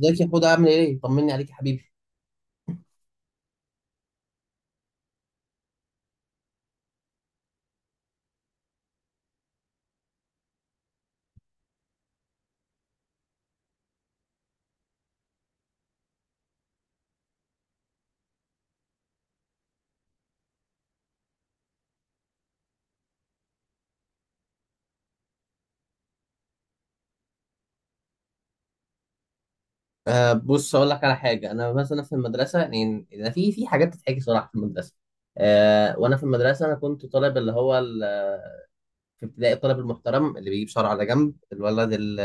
ازيك يا حوده، عامل ايه؟ طمني عليك يا حبيبي. بص اقول لك على حاجه، انا مثلا في المدرسه، يعني أنا في حاجات تتحكي صراحه في المدرسه. وانا في المدرسه انا كنت طالب في ابتدائي الطالب المحترم اللي بيجيب شعره على جنب، الولد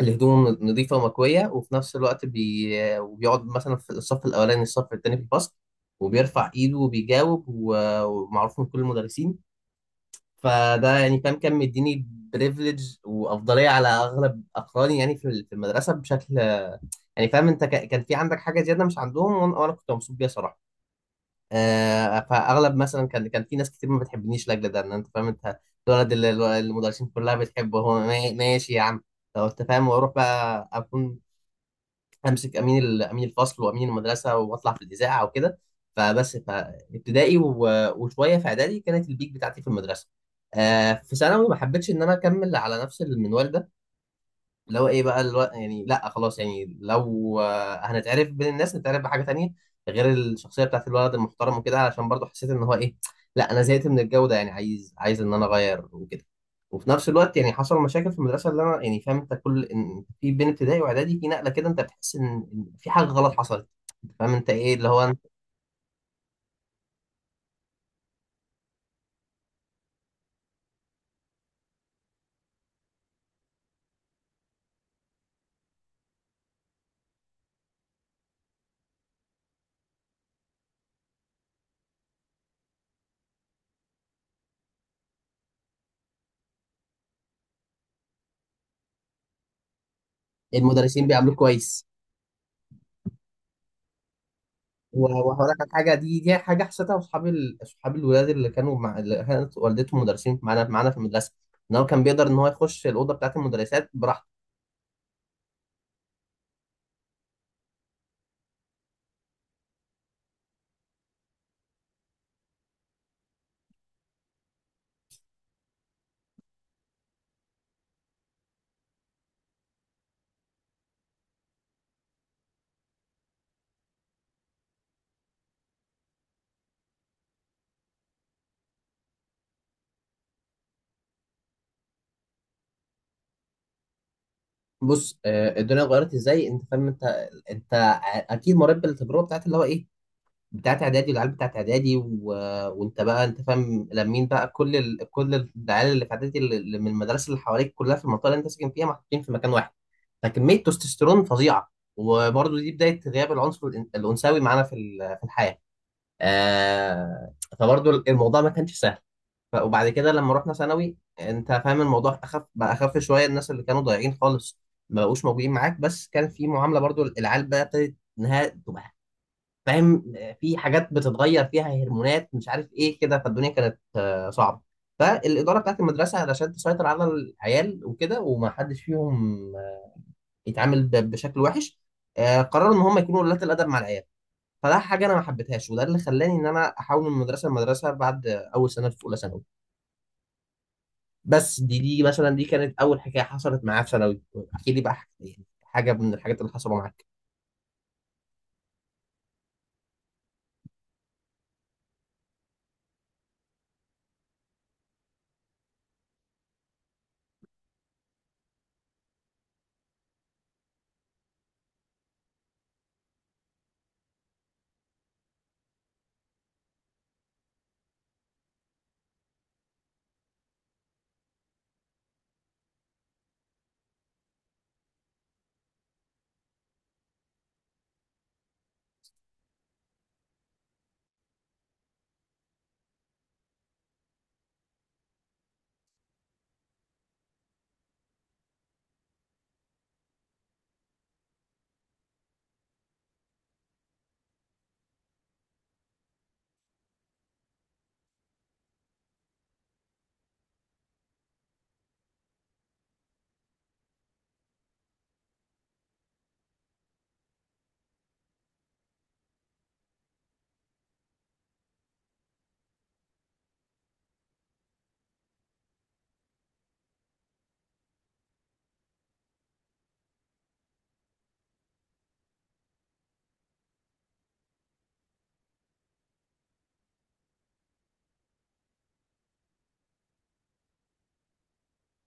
اللي هدومه نظيفه ومكويه، وفي نفس الوقت وبيقعد مثلا في الصف الاولاني، الصف الثاني في الفصل، وبيرفع ايده وبيجاوب و- ومعروف من كل المدرسين. فده يعني فاهم كان مديني بريفليج وافضليه على اغلب اقراني، يعني في المدرسه بشكل، يعني فاهم انت كان في عندك حاجه زياده مش عندهم، وأنا كنت مبسوط بيها صراحه. فاغلب مثلا كان في ناس كتير ما بتحبنيش لاجل ده، ان انت فاهم انت الولد اللي المدرسين كلها بتحبه، هو ماشي يا عم لو انت فاهم، واروح بقى اكون امسك امين امين الفصل وامين المدرسه واطلع في الاذاعه وكده. فبس فابتدائي وشويه في اعدادي كانت البيك بتاعتي في المدرسه. في ثانوي ما حبيتش ان انا اكمل على نفس المنوال ده، لو ايه بقى يعني لا خلاص، يعني لو هنتعرف بين الناس، نتعرف بحاجه تانية غير الشخصيه بتاعت الولد المحترم وكده، علشان برضو حسيت ان هو ايه، لا انا زهقت من الجو ده، يعني عايز ان انا اغير وكده. وفي نفس الوقت يعني حصل مشاكل في المدرسه اللي انا يعني فاهم انت، كل إن في بين ابتدائي واعدادي في نقله كده انت بتحس إن في حاجه غلط حصلت. أنت فاهم انت ايه اللي هو المدرسين بيعاملوك كويس. وهقول لك على حاجه، دي حاجه حسيتها، اصحابي اصحابي الولاد اللي كانوا مع اللي كانت والدتهم مدرسين معانا في المدرسه، ان هو كان بيقدر ان هو يخش الاوضه بتاعت المدرسات براحته. بص الدنيا اتغيرت ازاي؟ انت فاهم انت اكيد مريت بالتجربه بتاعت اللي هو ايه، بتاعت اعدادي والعيال بتاعت اعدادي و... وانت بقى انت فاهم لمين بقى كل كل العيال اللي في اعدادي اللي من المدارس اللي حواليك كلها في المنطقه اللي انت ساكن فيها، محطوطين في مكان واحد، فكميه تستوستيرون فظيعه. وبرضه دي بدايه غياب العنصر الانثوي معانا في في الحياه. فبرضه الموضوع ما كانش سهل. وبعد كده لما رحنا ثانوي انت فاهم الموضوع اخف بقى، اخف شويه، الناس اللي كانوا ضايعين خالص ما بقوش موجودين معاك، بس كان في معامله برضو، العيال بقى ابتدت انها تبقى فاهم، في حاجات بتتغير فيها هرمونات مش عارف ايه كده، فالدنيا كانت صعبه. فالاداره بتاعت المدرسه علشان تسيطر على العيال وكده وما حدش فيهم يتعامل بشكل وحش، قرروا ان هم يكونوا ولاة الادب مع العيال. فده حاجه انا ما حبيتهاش، وده اللي خلاني ان انا احاول من مدرسه لمدرسه بعد اول سنه في اولى ثانوي. بس دي مثلا دي كانت اول حكايه حصلت معايا في ثانوي. احكي لي بقى يعني حاجه من الحاجات اللي حصلوا معاك.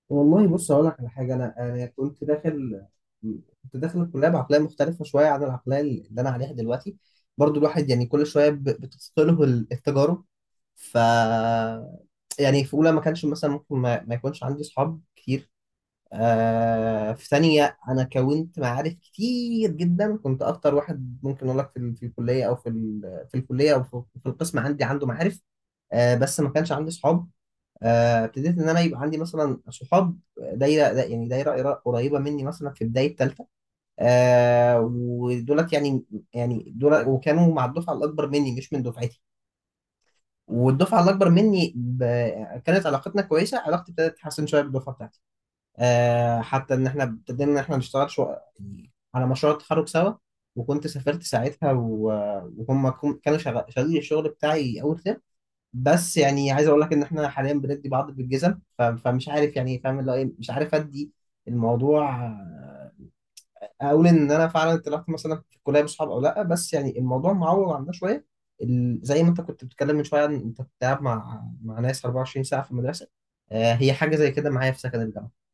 والله بص اقول لك على حاجه، انا كنت داخل الكليه بعقليه مختلفه شويه عن العقليه اللي انا عليها دلوقتي. برضو الواحد يعني كل شويه بتثقله التجارب، ف يعني في اولى ما كانش مثلا ممكن ما يكونش عندي اصحاب كتير. في تانية أنا كونت معارف كتير جدا، كنت أكتر واحد ممكن أقول لك في الكلية، أو في الكلية، أو في القسم عندي، عنده معارف. بس ما كانش عندي صحاب. ابتديت إن أنا يبقى عندي مثلا صحاب، يعني دايرة قريبة مني مثلا في بداية تالتة. ودولت يعني دول وكانوا مع الدفعة الأكبر مني، مش من دفعتي. والدفعة الأكبر مني كانت علاقتنا كويسة. علاقتي ابتدت تتحسن شوية بالدفعة بتاعتي، حتى ان احنا ابتدينا ان احنا نشتغل يعني على مشروع التخرج سوا، وكنت سافرت ساعتها وهم كانوا شغالين الشغل بتاعي اول ترم. بس يعني عايز اقول لك ان احنا حاليا بندي بعض بالجزم، فمش عارف، يعني فاهم اللي هو ايه، مش عارف ادي الموضوع، اقول ان انا فعلا طلعت مثلا في الكليه بصحاب او لا، بس يعني الموضوع معوض عندنا شويه. زي ما انت كنت بتتكلم من شويه، عن انت كنت قاعد مع ناس 24 ساعه في المدرسه، هي حاجه زي كده معايا في سكن الجامعه.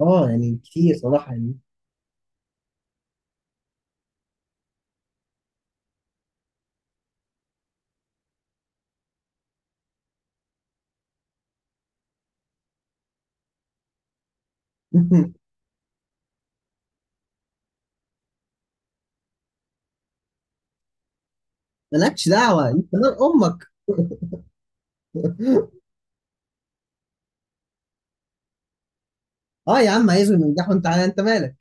اه يعني كتير صراحة يعني. مالكش دعوة، انت مال امك. اه يا عم عايزهم ينجحوا، انت انت مالك.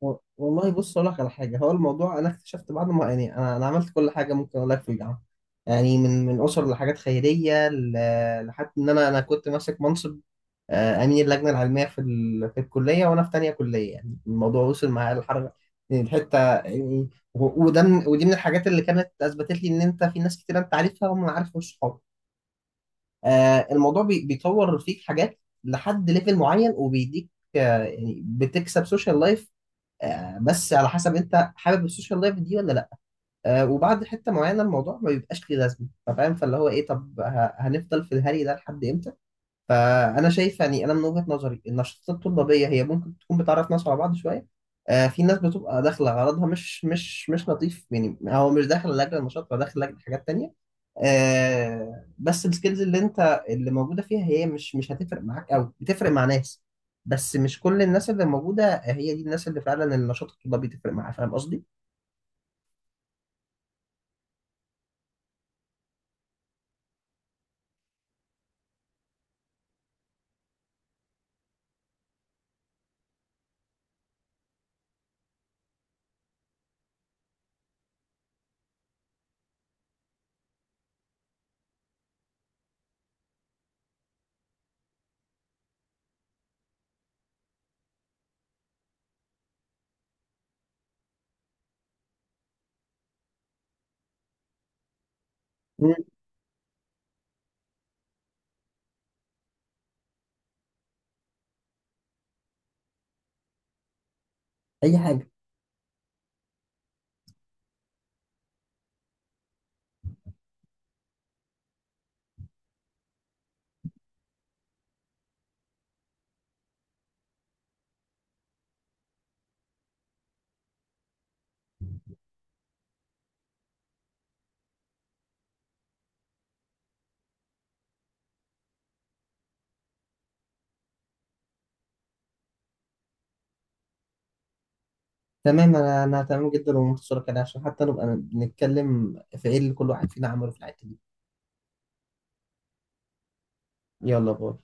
والله بص اقول لك على حاجه، هو الموضوع انا اكتشفت بعد ما، يعني انا عملت كل حاجه ممكن اقول لك في الجامعه، يعني من اسر لحاجات خيريه، لحد ان انا كنت ماسك منصب امين اللجنه العلميه في في الكليه وانا في تانية كليه، يعني الموضوع وصل معايا للحركه يعني، الحته يعني، ودي من الحاجات اللي كانت اثبتت لي ان انت في ناس كتير انت عارفها وما عارف مش صحاب. الموضوع بيطور فيك حاجات لحد ليفل معين وبيديك يعني بتكسب سوشيال لايف، بس على حسب انت حابب السوشيال لايف دي ولا لا. وبعد حته معينه الموضوع ما بيبقاش ليه لازمه، فاهم فاللي هو ايه، طب هنفضل في الهري ده لحد امتى؟ فانا شايف يعني انا من وجهة نظري النشاطات الطلابيه هي ممكن تكون بتعرف ناس على بعض شويه. في ناس بتبقى داخله غرضها مش لطيف يعني، هو مش داخل لاجل النشاط، هو داخل لاجل حاجات تانية. بس السكيلز اللي موجوده فيها هي مش هتفرق معاك قوي، بتفرق مع ناس بس مش كل الناس اللي موجوده هي دي الناس اللي فعلا النشاط الطلابي تفرق معاها، فاهم قصدي؟ مم. اي حاجه. تمام، انا تمام جدا، ومنتصرة كده عشان حتى نبقى بنتكلم في ايه اللي كل واحد فينا عمله في الحته دي. يلا باي.